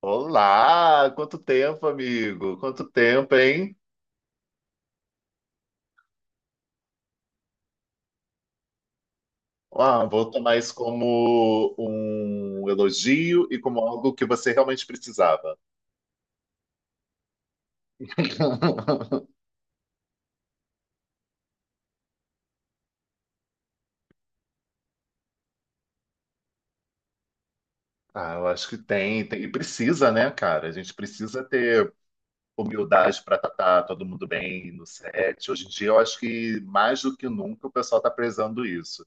Olá, quanto tempo, amigo? Quanto tempo, hein? Ah, vou tomar isso como um elogio e como algo que você realmente precisava. Ah, eu acho que tem, e precisa, né, cara? A gente precisa ter humildade para tratar todo mundo bem no set. Hoje em dia, eu acho que mais do que nunca o pessoal está prezando isso,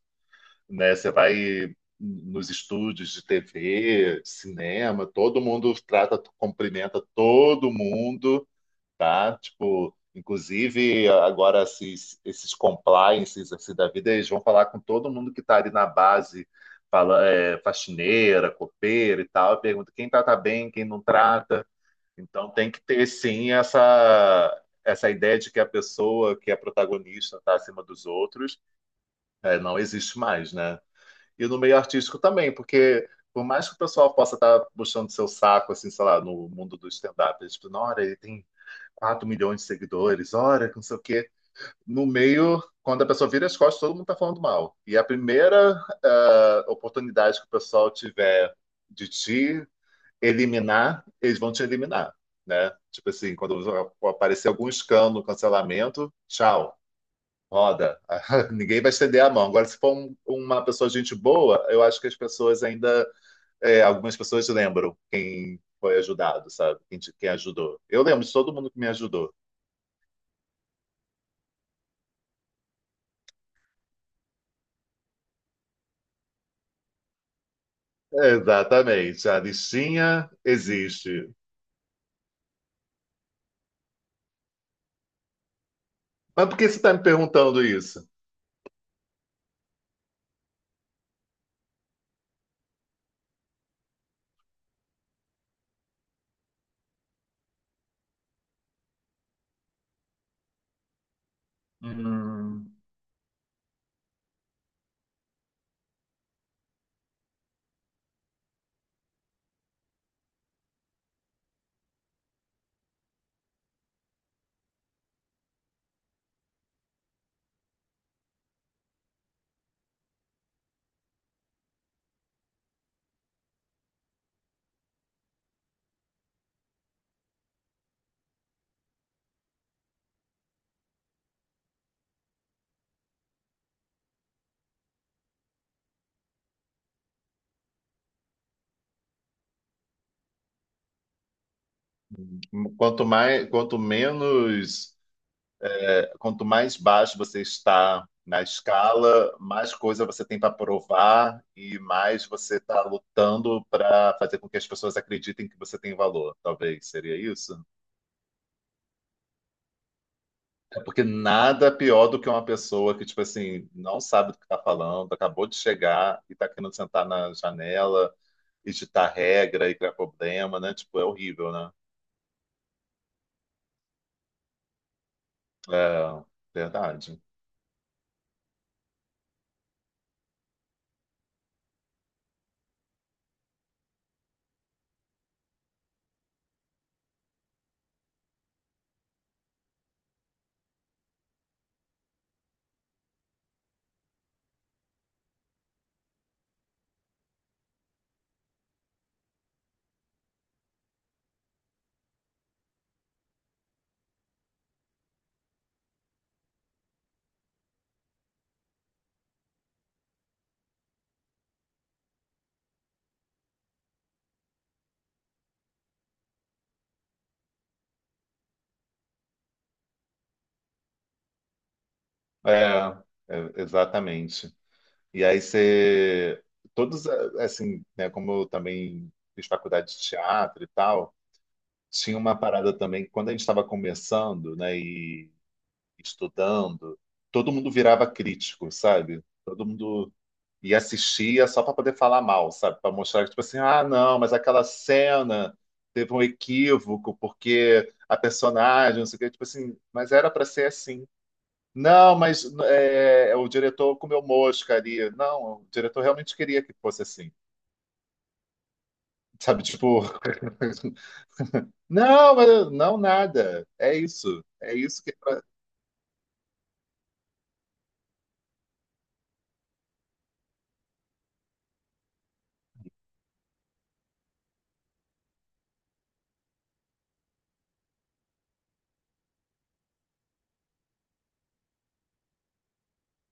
né? Você vai nos estúdios de TV, cinema, todo mundo trata, cumprimenta todo mundo. Tá? Tipo, inclusive agora esses compliances assim, da vida, eles vão falar com todo mundo que está ali na base, fala, é, faxineira, copeira e tal, e pergunta quem trata bem, quem não trata. Então tem que ter sim essa essa ideia de que a pessoa que é protagonista está acima dos outros, é, não existe mais, né? E no meio artístico também, porque por mais que o pessoal possa estar puxando seu saco, assim, sei lá, no mundo do stand-up, eles falam, olha, ele tem 4 milhões de seguidores, olha, que não sei o quê. No meio, quando a pessoa vira as costas, todo mundo tá falando mal. E a primeira oportunidade que o pessoal tiver de te eliminar, eles vão te eliminar, né? Tipo assim, quando aparecer algum escândalo, cancelamento, tchau, roda. Ninguém vai estender a mão. Agora, se for uma pessoa de gente boa, eu acho que as pessoas ainda, é, algumas pessoas lembram quem foi ajudado, sabe? Quem, quem ajudou. Eu lembro de todo mundo que me ajudou. Exatamente, a listinha existe. Mas por que você está me perguntando isso? Hum, quanto mais, quanto menos, quanto mais baixo você está na escala, mais coisa você tem para provar e mais você está lutando para fazer com que as pessoas acreditem que você tem valor. Talvez seria isso? É porque nada pior do que uma pessoa que, tipo assim, não sabe do que está falando, acabou de chegar e está querendo sentar na janela editar regra e criar problema, né? Tipo, é horrível, né? É, verdade. É, exatamente. E aí você, todos, assim, né, como eu também fiz faculdade de teatro e tal, tinha uma parada também, que quando a gente estava começando, né, e estudando, todo mundo virava crítico, sabe? Todo mundo e assistia só para poder falar mal, sabe? Para mostrar que, tipo assim, ah, não, mas aquela cena teve um equívoco porque a personagem, não sei o quê, tipo assim, mas era para ser assim. Não, mas o diretor comeu mosca ali. Não, o diretor realmente queria que fosse assim. Sabe, tipo, não, mas não nada. É isso. É isso que. É pra...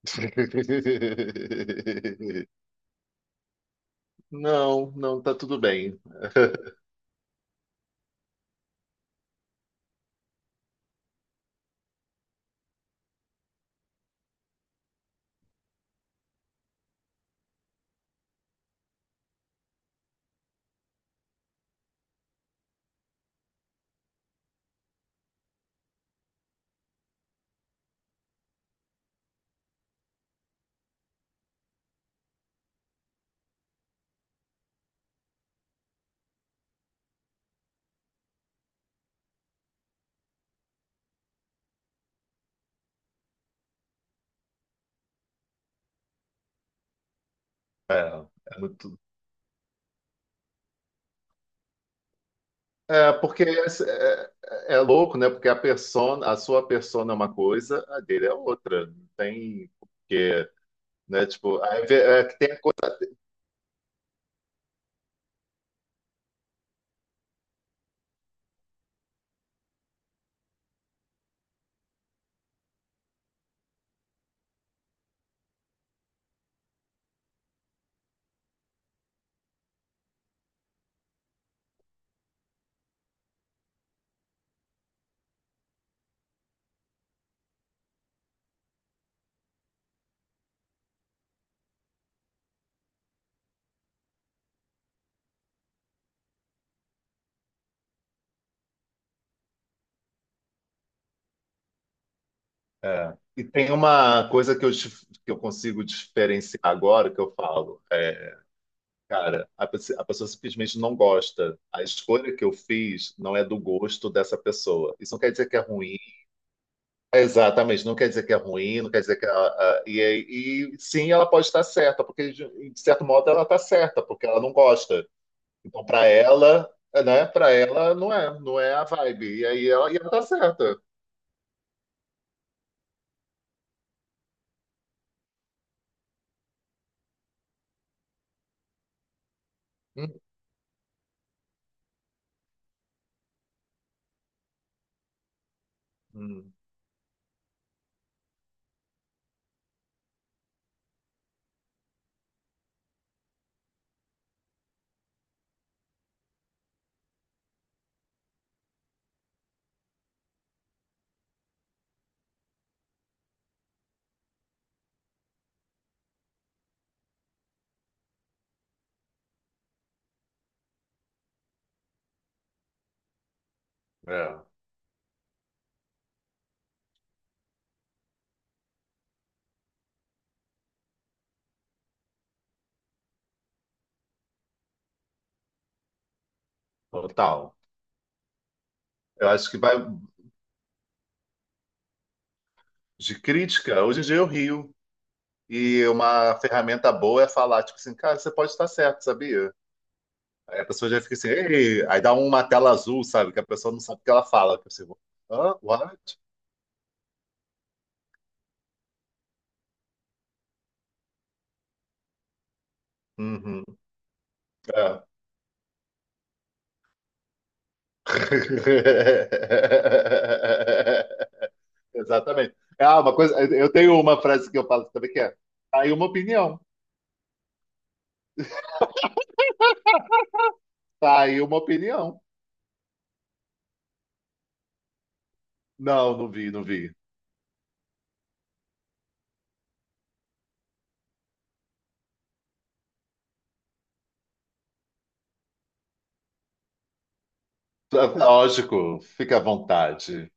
Não, não, tá tudo bem. É, é muito É, porque é, é louco, né? Porque a persona, a sua persona é uma coisa, a dele é outra. Não tem porque, né? Tipo, aí é que tem a coisa, é. E tem uma coisa que eu, que eu consigo diferenciar agora que eu falo. É, cara, a, a pessoa simplesmente não gosta. A escolha que eu fiz não é do gosto dessa pessoa. Isso não quer dizer que é ruim. Exatamente, não quer dizer que é ruim, não quer dizer que ela. E, e sim, ela pode estar certa, porque de certo modo ela está certa, porque ela não gosta. Então, para ela, né, para ela não é, não é a vibe. E aí ela, e ela está certa. Hum, hum, é, total. Eu acho que vai de crítica. Hoje em dia eu rio. E uma ferramenta boa é falar, tipo assim, cara, você pode estar certo, sabia? Aí a pessoa já fica assim, Ei! Aí dá uma tela azul, sabe? Que a pessoa não sabe o que ela fala. Tipo assim, Hã? What? Uhum. É. Exatamente. Ah, uma coisa, eu tenho uma frase que eu falo também que é: tá aí uma opinião, tá aí uma opinião. Não, não vi, não vi. Lógico, fica à vontade.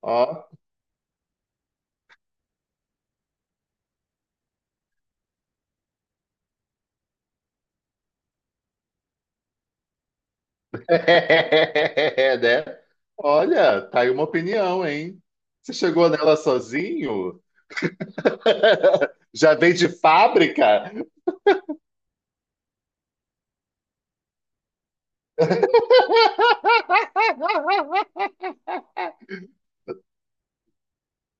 Ó, né? Olha, tá aí uma opinião, hein? Você chegou nela sozinho? Já vem de fábrica?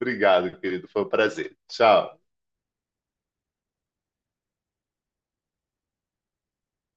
Obrigado, querido, foi um prazer. Tchau.